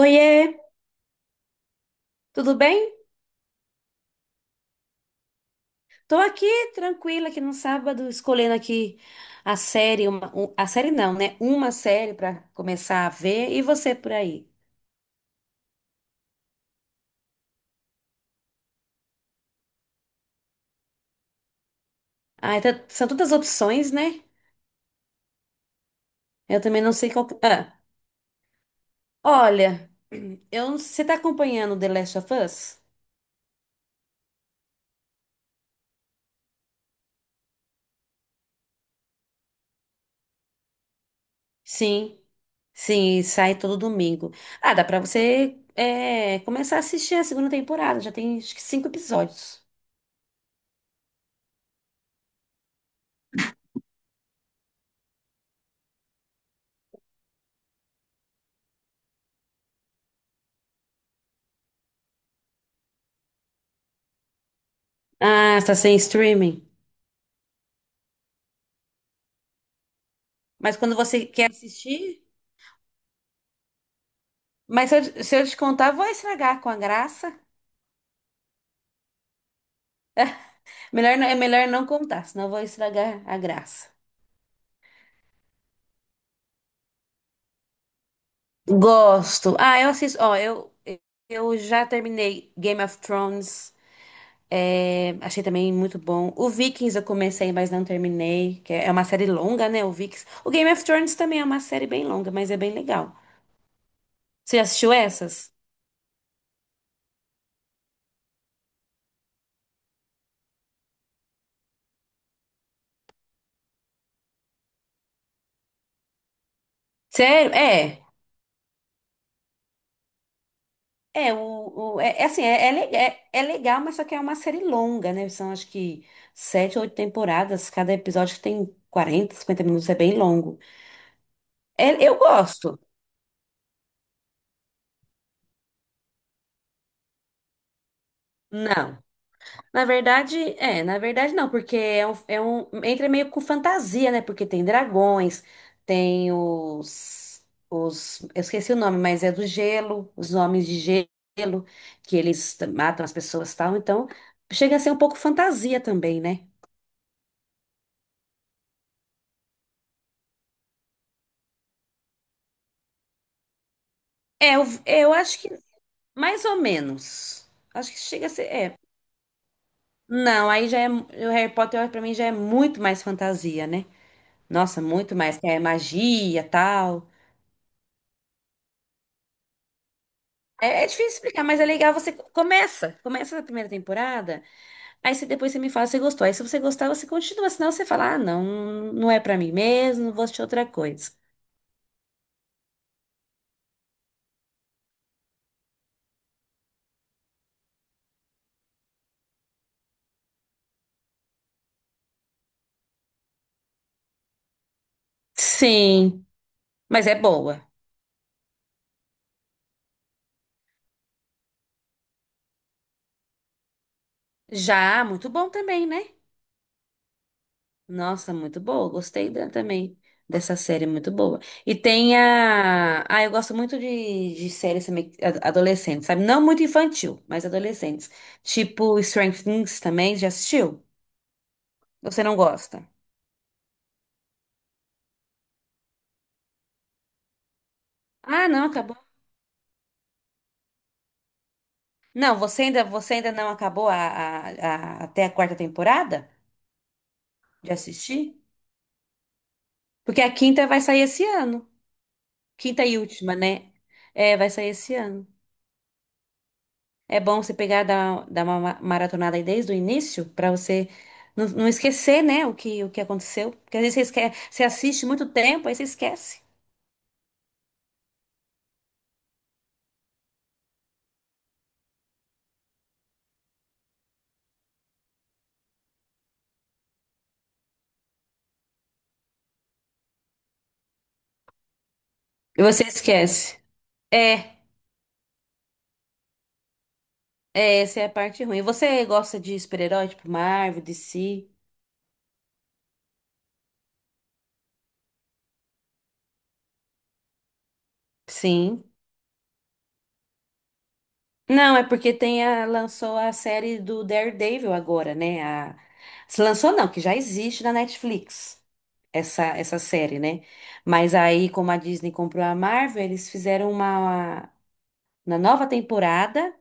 Oiê, tudo bem? Tô aqui tranquila aqui no sábado, escolhendo aqui a série, a série não, né? Uma série pra começar a ver e você por aí. Ah, então, são tantas opções, né? Eu também não sei qual. Ah, olha, eu não- você tá acompanhando The Last of Us? Sim, sim, sai todo domingo. Ah, dá pra você começar a assistir a segunda temporada, já tem acho que cinco episódios. Ah, está sem streaming. Mas quando você quer assistir. Mas se eu te contar, vou estragar com a graça. Melhor, é melhor não contar, senão eu vou estragar a graça. Gosto. Ah, eu assisto. Ó, eu já terminei Game of Thrones. É, achei também muito bom. O Vikings eu comecei, mas não terminei. Que é uma série longa, né? O Vikings. O Game of Thrones também é uma série bem longa, mas é bem legal. Você já assistiu essas? Sério? É. É, o- é, é assim, é, é, le- é- é legal, mas só que é uma série longa, né? São acho que sete ou oito temporadas, cada episódio tem 40 50 minutos, é bem longo. É, eu gosto. Não. Na verdade, na verdade não, porque é um, entra meio com fantasia, né? Porque tem dragões, tem os, eu esqueci o nome, mas é do gelo, os homens de gelo, que eles matam as pessoas e tal, então chega a ser um pouco fantasia também, né? É, eu acho que Mais ou menos. Acho que chega a ser. É. Não, aí já é. O Harry Potter, pra mim, já é muito mais fantasia, né? Nossa, muito mais. Que É magia, tal. É, é difícil explicar, mas é legal. Você começa. Começa a primeira temporada. Depois você me fala se você gostou. Aí se você gostar, você continua. Senão você fala, ah, não, não é pra mim mesmo, vou assistir outra coisa. Sim, mas é boa. Já, muito bom também, né? Nossa, muito boa. Também dessa série, muito boa. E tem a. Ah, eu gosto muito de séries também adolescentes, sabe? Não muito infantil, mas adolescentes. Tipo Stranger Things também, já assistiu? Você não gosta? Ah, não, acabou. Não, você ainda não acabou até a quarta temporada de assistir? Porque a quinta vai sair esse ano. Quinta e última, né? É, vai sair esse ano. É bom você dar uma maratonada aí desde o início pra você não esquecer, né, o que aconteceu. Porque às vezes você esquece, você assiste muito tempo, aí você esquece. E você esquece. É, é, essa é a parte ruim. Você gosta de super-herói, tipo Marvel, DC? Sim. Não, é porque tem a, lançou a série do Daredevil agora, né? A, se lançou não, que já existe na Netflix, essa série, né? Mas aí, como a Disney comprou a Marvel, eles fizeram uma na nova temporada.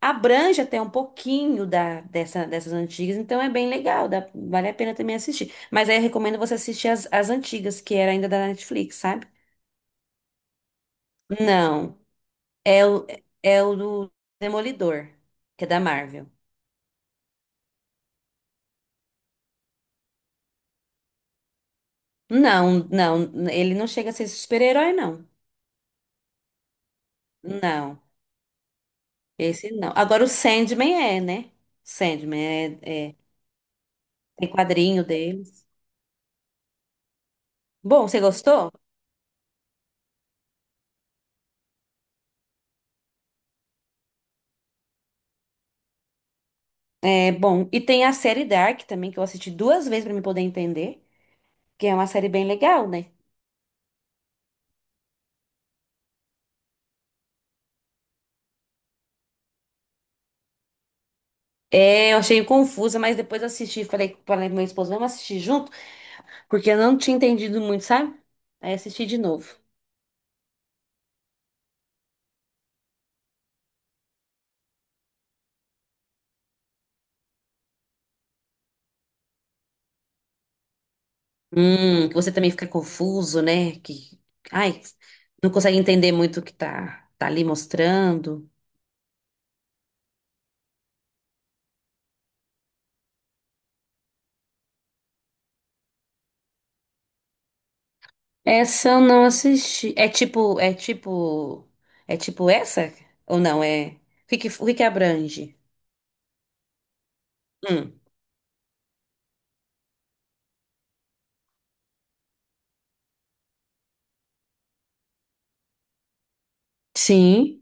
Abrange até um pouquinho dessas antigas, então é bem legal, vale a pena também assistir. Mas aí eu recomendo você assistir as antigas, que era ainda da Netflix, sabe? Não, é o, é o do Demolidor, que é da Marvel. Não, não, ele não chega a ser super-herói, não. Não, esse não. Agora o Sandman é, né? Sandman é, é, tem quadrinho deles. Bom, você gostou? É bom. E tem a série Dark também, que eu assisti duas vezes pra me poder entender, que é uma série bem legal, né? É, eu achei confusa, mas depois eu assisti, falei pro meu esposo, vamos assistir junto, porque eu não tinha entendido muito, sabe? Aí assisti de novo. Que você também fica confuso, né? Que, ai, não consegue entender muito o que tá ali mostrando. Essa eu não assisti. É tipo essa? Ou não, é? O que que abrange? Hum. Sim.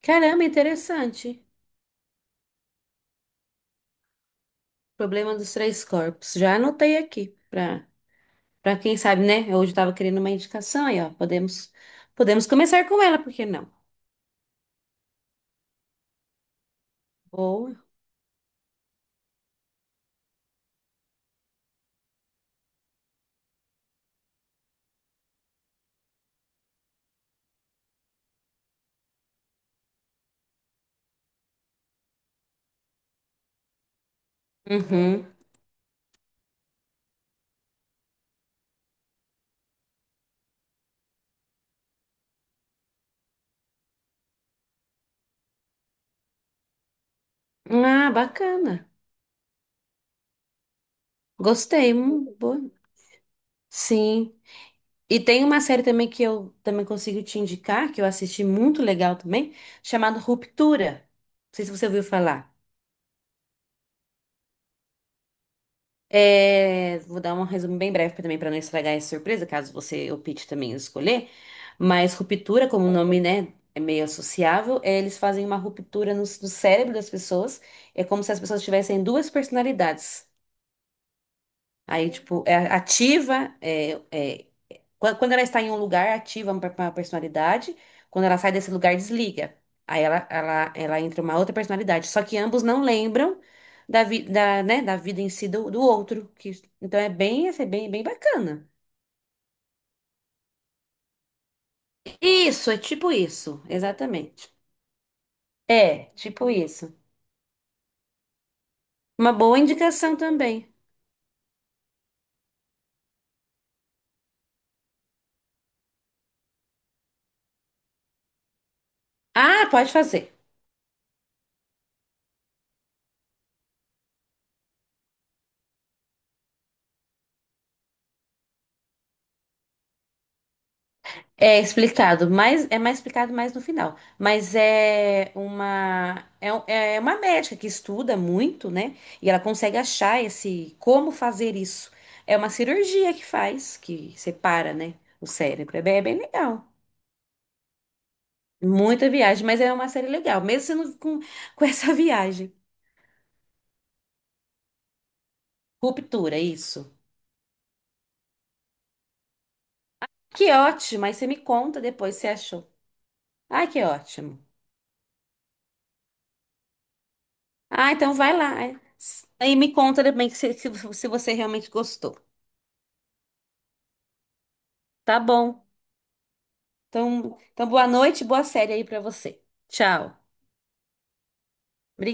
Caramba, interessante. Problema dos três corpos. Já anotei aqui para quem sabe, né? Hoje eu estava querendo uma indicação aí, ó. Podemos começar com ela, por que não? Boa. Uhum. Ah, bacana. Gostei. Boa. Sim. E tem uma série também que eu também consigo te indicar, que eu assisti muito legal também, chamada Ruptura. Não sei se você ouviu falar. É, vou dar um resumo bem breve também para não estragar essa surpresa, caso você opte também em escolher. Mas ruptura, como o nome, né, é meio associável, é, eles fazem uma ruptura no cérebro das pessoas. É como se as pessoas tivessem duas personalidades. Aí, tipo, é ativa, é, é Quan- Quando ela está em um lugar, ativa uma personalidade. Quando ela sai desse lugar, desliga. Aí ela entra uma outra personalidade. Só que ambos não lembram da, vi, da, né, da vida em si do outro. Que, bem bacana. Isso, é tipo isso, exatamente. É, tipo isso. Uma boa indicação também. Ah, pode fazer. É explicado, mas é mais explicado mais no final. Mas é uma médica que estuda muito, né? E ela consegue achar esse como fazer isso. É uma cirurgia que faz, que separa, né, o cérebro. É bem legal. Muita viagem, mas é uma série legal, mesmo sendo com essa viagem. Ruptura, isso. Que ótimo, aí você me conta depois se achou. Ai, que ótimo. Ah, então vai lá. Aí me conta também que se você realmente gostou. Tá bom. Então, então boa noite, boa série aí pra você. Tchau. Obrigada.